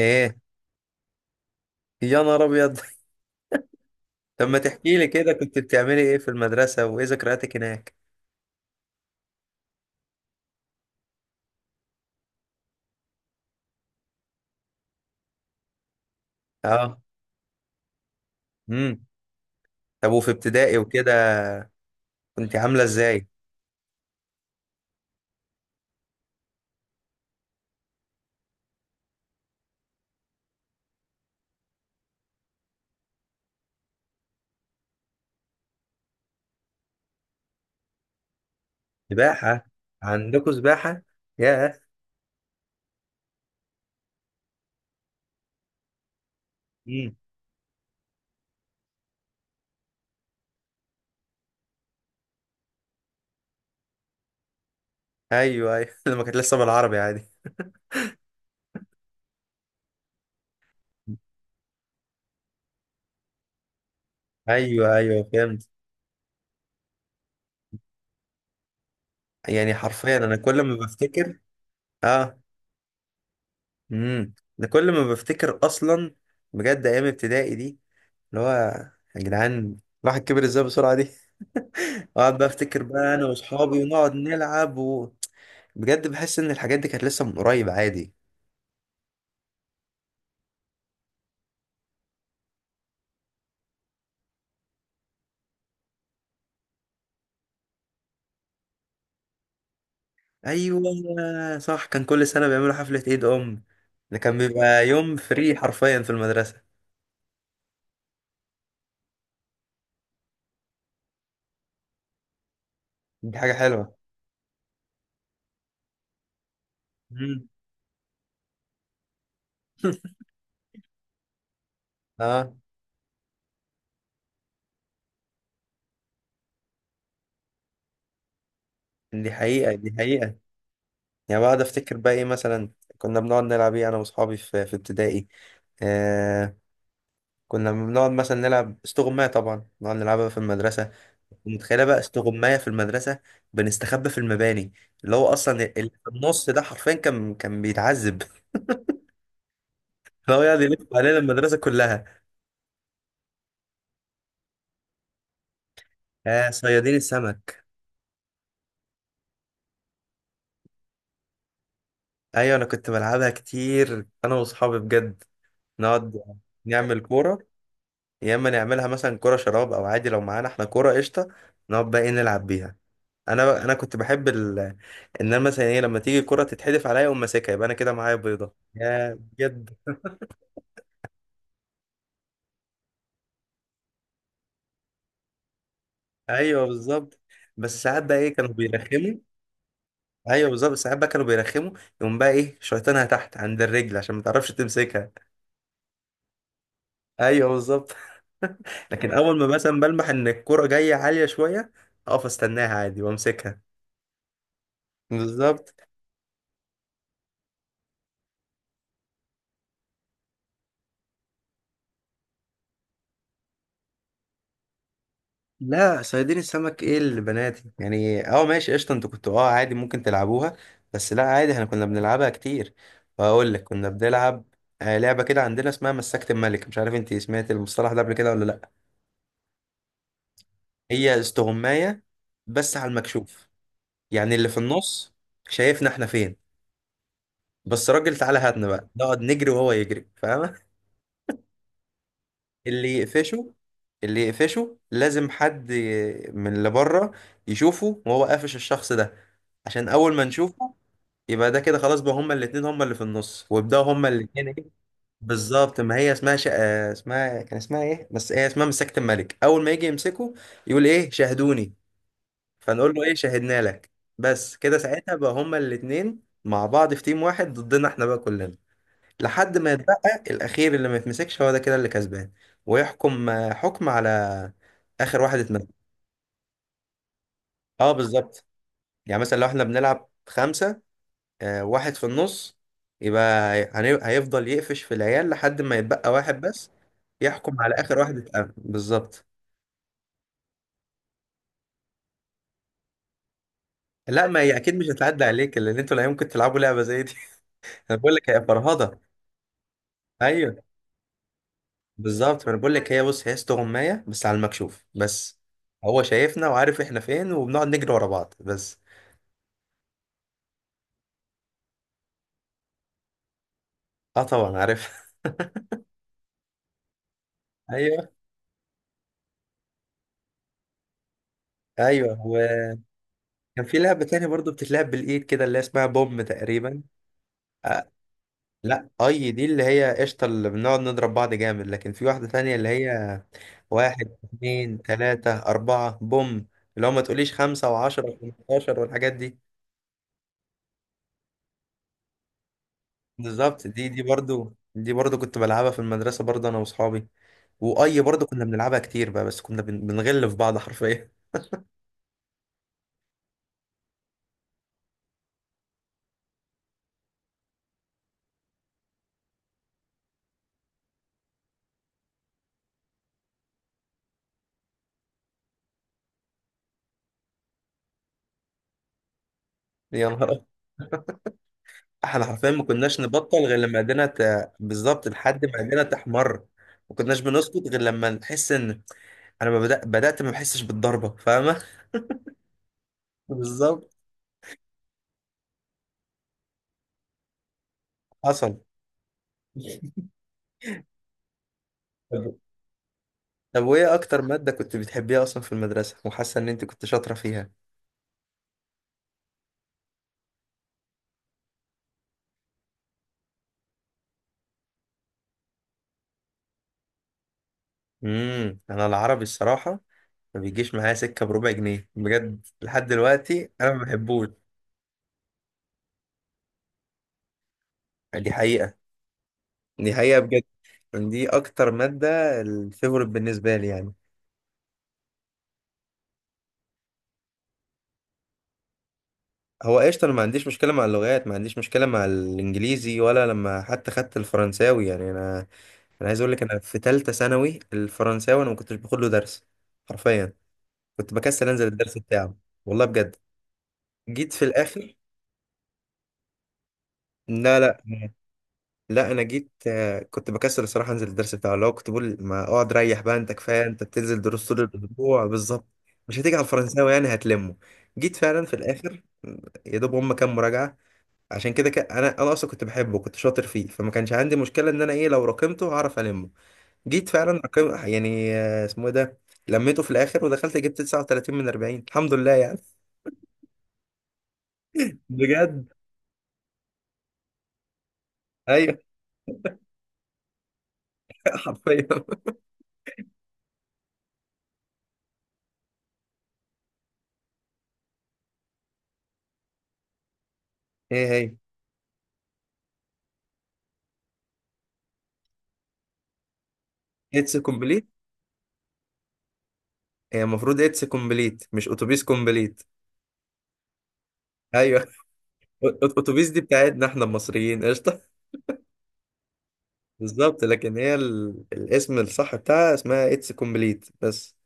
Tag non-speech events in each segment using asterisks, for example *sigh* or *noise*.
ايه. يا نهار ابيض! *laughs* طب ما تحكي لي كده كنت بتعملي ايه في المدرسه وايه ذكرياتك هناك؟ اه. امم طب وفي ابتدائي وكده كنت عامله ازاي؟ سباحه؟ عندكم سباحه؟ ياه! امم ايوه، ايوه. *laughs* لما كانت لسه بالعربي عادي. ايوه، ايوه، فهمت. يعني حرفيا انا كل ما بفتكر. اه. امم انا كل ما بفتكر اصلا، بجد، ايام ابتدائي دي، اللي هو، يا جدعان الواحد كبر ازاي بسرعه دي! *laughs* اقعد بقى افتكر بقى انا واصحابي ونقعد نلعب بجد بحس ان الحاجات دي كانت لسه من قريب عادي. ايوه صح، كان كل سنه بيعملوا حفله عيد ام، ده كان بيبقى يوم فري حرفيا في المدرسه. دي حاجه حلوه. مم. *laughs* اه. دي حقيقه، دي حقيقه. يعني بقعد افتكر بقى ايه مثلا كنا بنقعد نلعب ايه انا واصحابي في ابتدائي. آه كنا بنقعد مثلا نلعب استغماية، طبعا نقعد نلعبها في المدرسة. متخيلة بقى استغماية في المدرسة؟ بنستخبى في المباني، اللي هو أصلا اللي في النص ده حرفيا كان بيتعذب. هو يقعد يلف علينا المدرسة كلها. صيادين السمك. أيوة أنا كنت بلعبها كتير، أنا وأصحابي بجد. نقعد نعمل كورة، يا إما نعملها مثلا كورة شراب، أو عادي لو معانا إحنا كورة قشطة. نقعد بقى إيه نلعب بيها. أنا كنت بحب إن أنا مثلا إيه لما تيجي الكورة تتحدف عليا أقوم ماسكها، يبقى أنا كده معايا بيضة، يا بجد. أيوة بالظبط. بس ساعات بقى إيه كانوا بيرخموا. أيوة بالظبط، ساعات بقى كانوا بيرخموا، يقوم بقى إيه شيطانها تحت عند الرجل عشان ما تعرفش تمسكها. أيوة بالظبط. لكن اول ما مثلا بلمح ان الكرة جاية عالية شوية، اقف استناها عادي وامسكها. بالظبط. لا صيادين السمك ايه اللي بناتي؟ يعني اه، ماشي، قشطة، انتوا كنتوا اه عادي ممكن تلعبوها، بس لا عادي احنا كنا بنلعبها كتير. واقول لك كنا بنلعب لعبة كده عندنا اسمها مسكت الملك، مش عارف انت سمعت المصطلح ده قبل كده ولا لا. هي استغماية بس على المكشوف. يعني اللي في النص شايفنا احنا فين، بس راجل تعالى هاتنا، بقى نقعد نجري وهو يجري، فاهم؟ اللي يقفشه، اللي يقفشه لازم حد من اللي بره يشوفه وهو قافش الشخص ده. عشان اول ما نشوفه يبقى ده كده خلاص، بقى هما الاتنين هما اللي في النص، ويبداوا هما الاتنين ايه. بالظبط، ما هي اسمها اسمها، كان اسمها ايه، بس هي اسمها مساكة الملك. اول ما يجي يمسكه يقول ايه شاهدوني، فنقول له ايه شاهدنا لك. بس كده ساعتها بقى هما الاتنين مع بعض في تيم واحد ضدنا احنا بقى كلنا، لحد ما يتبقى الأخير اللي ما يتمسكش، هو ده كده اللي كسبان، ويحكم حكم على آخر واحد اتمسك. اه بالظبط. يعني مثلا لو احنا بنلعب خمسة، واحد في النص، يبقى هيفضل يقفش في العيال لحد ما يتبقى واحد بس، يحكم على آخر واحد اتقفل بالظبط. لا ما هي أكيد مش هتعدي عليك، لأن انتوا لا يمكن تلعبوا لعبة زي دي. *laughs* أنا بقول لك هي فرهضة. أيوه بالظبط، ما أنا بقول لك هي، بص، هي استغماية بس على المكشوف بس. هو شايفنا وعارف احنا فين، وبنقعد نجري ورا بعض بس. اه طبعا عارف. *laughs* ايوه، ايوه. وكان في لعبه تانية برضو بتتلعب بالايد كده اللي اسمها بوم تقريبا. آه لا، اي دي اللي هي قشطه اللي بنقعد نضرب بعض جامد، لكن في واحده تانية اللي هي واحد اتنين تلاته اربعه بوم. اللي هو ما تقوليش خمسه وعشره وخمستاشر والحاجات دي. بالظبط، دي برضو دي برضو كنت بلعبها في المدرسه برضو انا واصحابي. واي برضو كنا بنلعبها كتير بقى، بس كنا بنغل في بعض حرفيا. *laughs* يا نهار! احنا حرفيا ما كناش نبطل غير لما ايدينا بالظبط لحد ما ايدينا تحمر. ما كناش بنسكت غير لما نحس ان انا ما بدأ... بدأت ما بحسش بالضربة، فاهمة؟ *laughs* بالظبط. حصل. طب، وايه اكتر مادة كنت بتحبيها اصلا في المدرسة وحاسة ان انت كنت شاطرة فيها؟ انا العربي الصراحة ما بيجيش معايا سكة بربع جنيه بجد، لحد دلوقتي انا ما بحبوش. دي حقيقة، دي حقيقة بجد. دي اكتر مادة الفيفوريت بالنسبة لي يعني. هو قشطة، أنا ما عنديش مشكلة مع اللغات، ما عنديش مشكلة مع الإنجليزي ولا لما حتى خدت الفرنساوي. يعني أنا، أنا عايز أقول لك، أنا في تالتة ثانوي الفرنساوي أنا ما كنتش باخد له درس، حرفيا. كنت بكسل أنزل الدرس بتاعه. والله بجد. جيت في الآخر. لا، لا، لا، أنا جيت، كنت بكسل الصراحة أنزل الدرس بتاعه، اللي هو كنت بقول ما أقعد ريح بقى، أنت كفاية أنت بتنزل دروس طول الأسبوع بالظبط. مش هتيجي على الفرنساوي يعني، هتلمه. جيت فعلا في الآخر، يا دوب هم كام مراجعة. عشان كده انا اصلا كنت بحبه، كنت شاطر فيه، فما كانش عندي مشكله ان انا ايه، لو راكمته هعرف المه. جيت فعلا رقم يعني، اسمه ايه ده، لميته في الاخر ودخلت جبت 39 من 40، الحمد لله يعني. *laughs* بجد. ايوه. *laughs* حرفيا. ايه هي؟ اتس كومبليت. هي المفروض اتس كومبليت مش اتوبيس كومبليت. ايوه، اتوبيس دي بتاعتنا احنا المصريين قشطه. *laughs* بالظبط، لكن هي الاسم الصح بتاعها اسمها اتس كومبليت بس.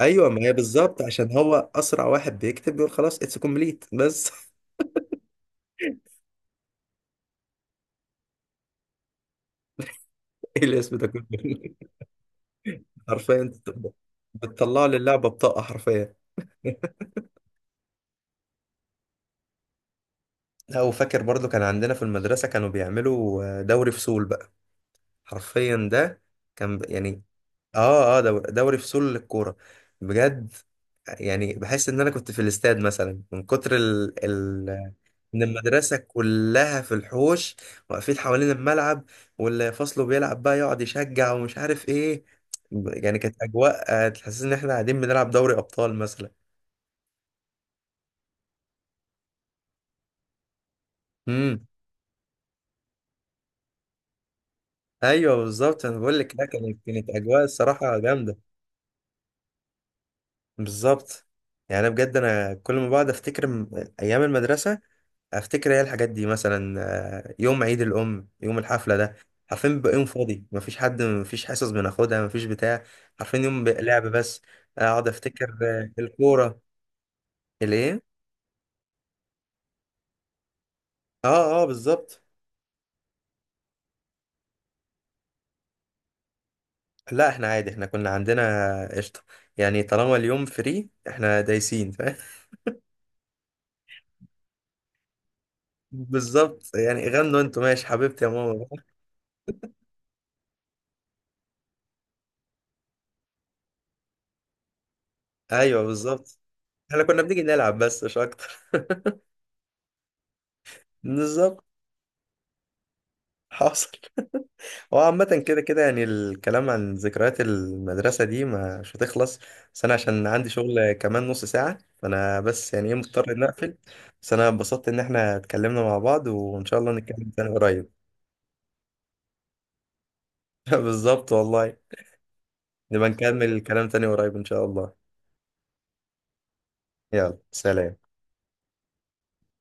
ايوه، ما هي بالظبط، عشان هو اسرع واحد بيكتب بيقول خلاص اتس كومبليت بس. *laughs* ايه الاسم ده كله؟ *laughs* حرفيا انت بتطلع لي اللعبه بطاقه حرفيا. *laughs* لا، وفاكر برضو كان عندنا في المدرسه كانوا بيعملوا دوري فصول بقى، حرفيا ده كان يعني. اه، اه، دوري فصول للكوره، بجد. يعني بحس ان انا كنت في الاستاد مثلا، من كتر ال ان المدرسه كلها في الحوش، واقفين حوالين الملعب، واللي فصله بيلعب بقى يقعد يشجع ومش عارف ايه. يعني كانت اجواء تحسسني ان احنا قاعدين بنلعب دوري ابطال مثلا. امم ايوه بالظبط. انا بقول لك، لا، كانت اجواء الصراحه جامده. بالظبط. يعني انا بجد، انا كل ما بقعد افتكر ايام المدرسه، افتكر ايه الحاجات دي مثلا، يوم عيد الام، يوم الحفله ده. عارفين بيبقى يوم فاضي، مفيش حد، مفيش حصص بناخدها، مفيش بتاع. عارفين يوم بيبقى لعب بس. اقعد افتكر الكوره. الايه؟ اه، اه، بالظبط. لا احنا عادي، احنا كنا عندنا، قشطه، يعني طالما اليوم فري احنا دايسين، فاهم؟ *laughs* بالظبط، يعني غنوا انتوا ماشي حبيبتي يا ماما. ايوه بالظبط، احنا كنا بنيجي نلعب بس مش اكتر. *laughs* بالظبط. حاصل. هو عامة كده كده، يعني الكلام عن ذكريات المدرسة دي مش هتخلص، بس أنا عشان عندي شغل كمان نص ساعة، فأنا بس يعني إيه مضطر إني أقفل. بس أنا اتبسطت إن إحنا اتكلمنا مع بعض، وإن شاء الله نتكلم تاني قريب. *laughs* بالظبط والله. نبقى نكمل الكلام تاني قريب إن شاء الله. يلا سلام.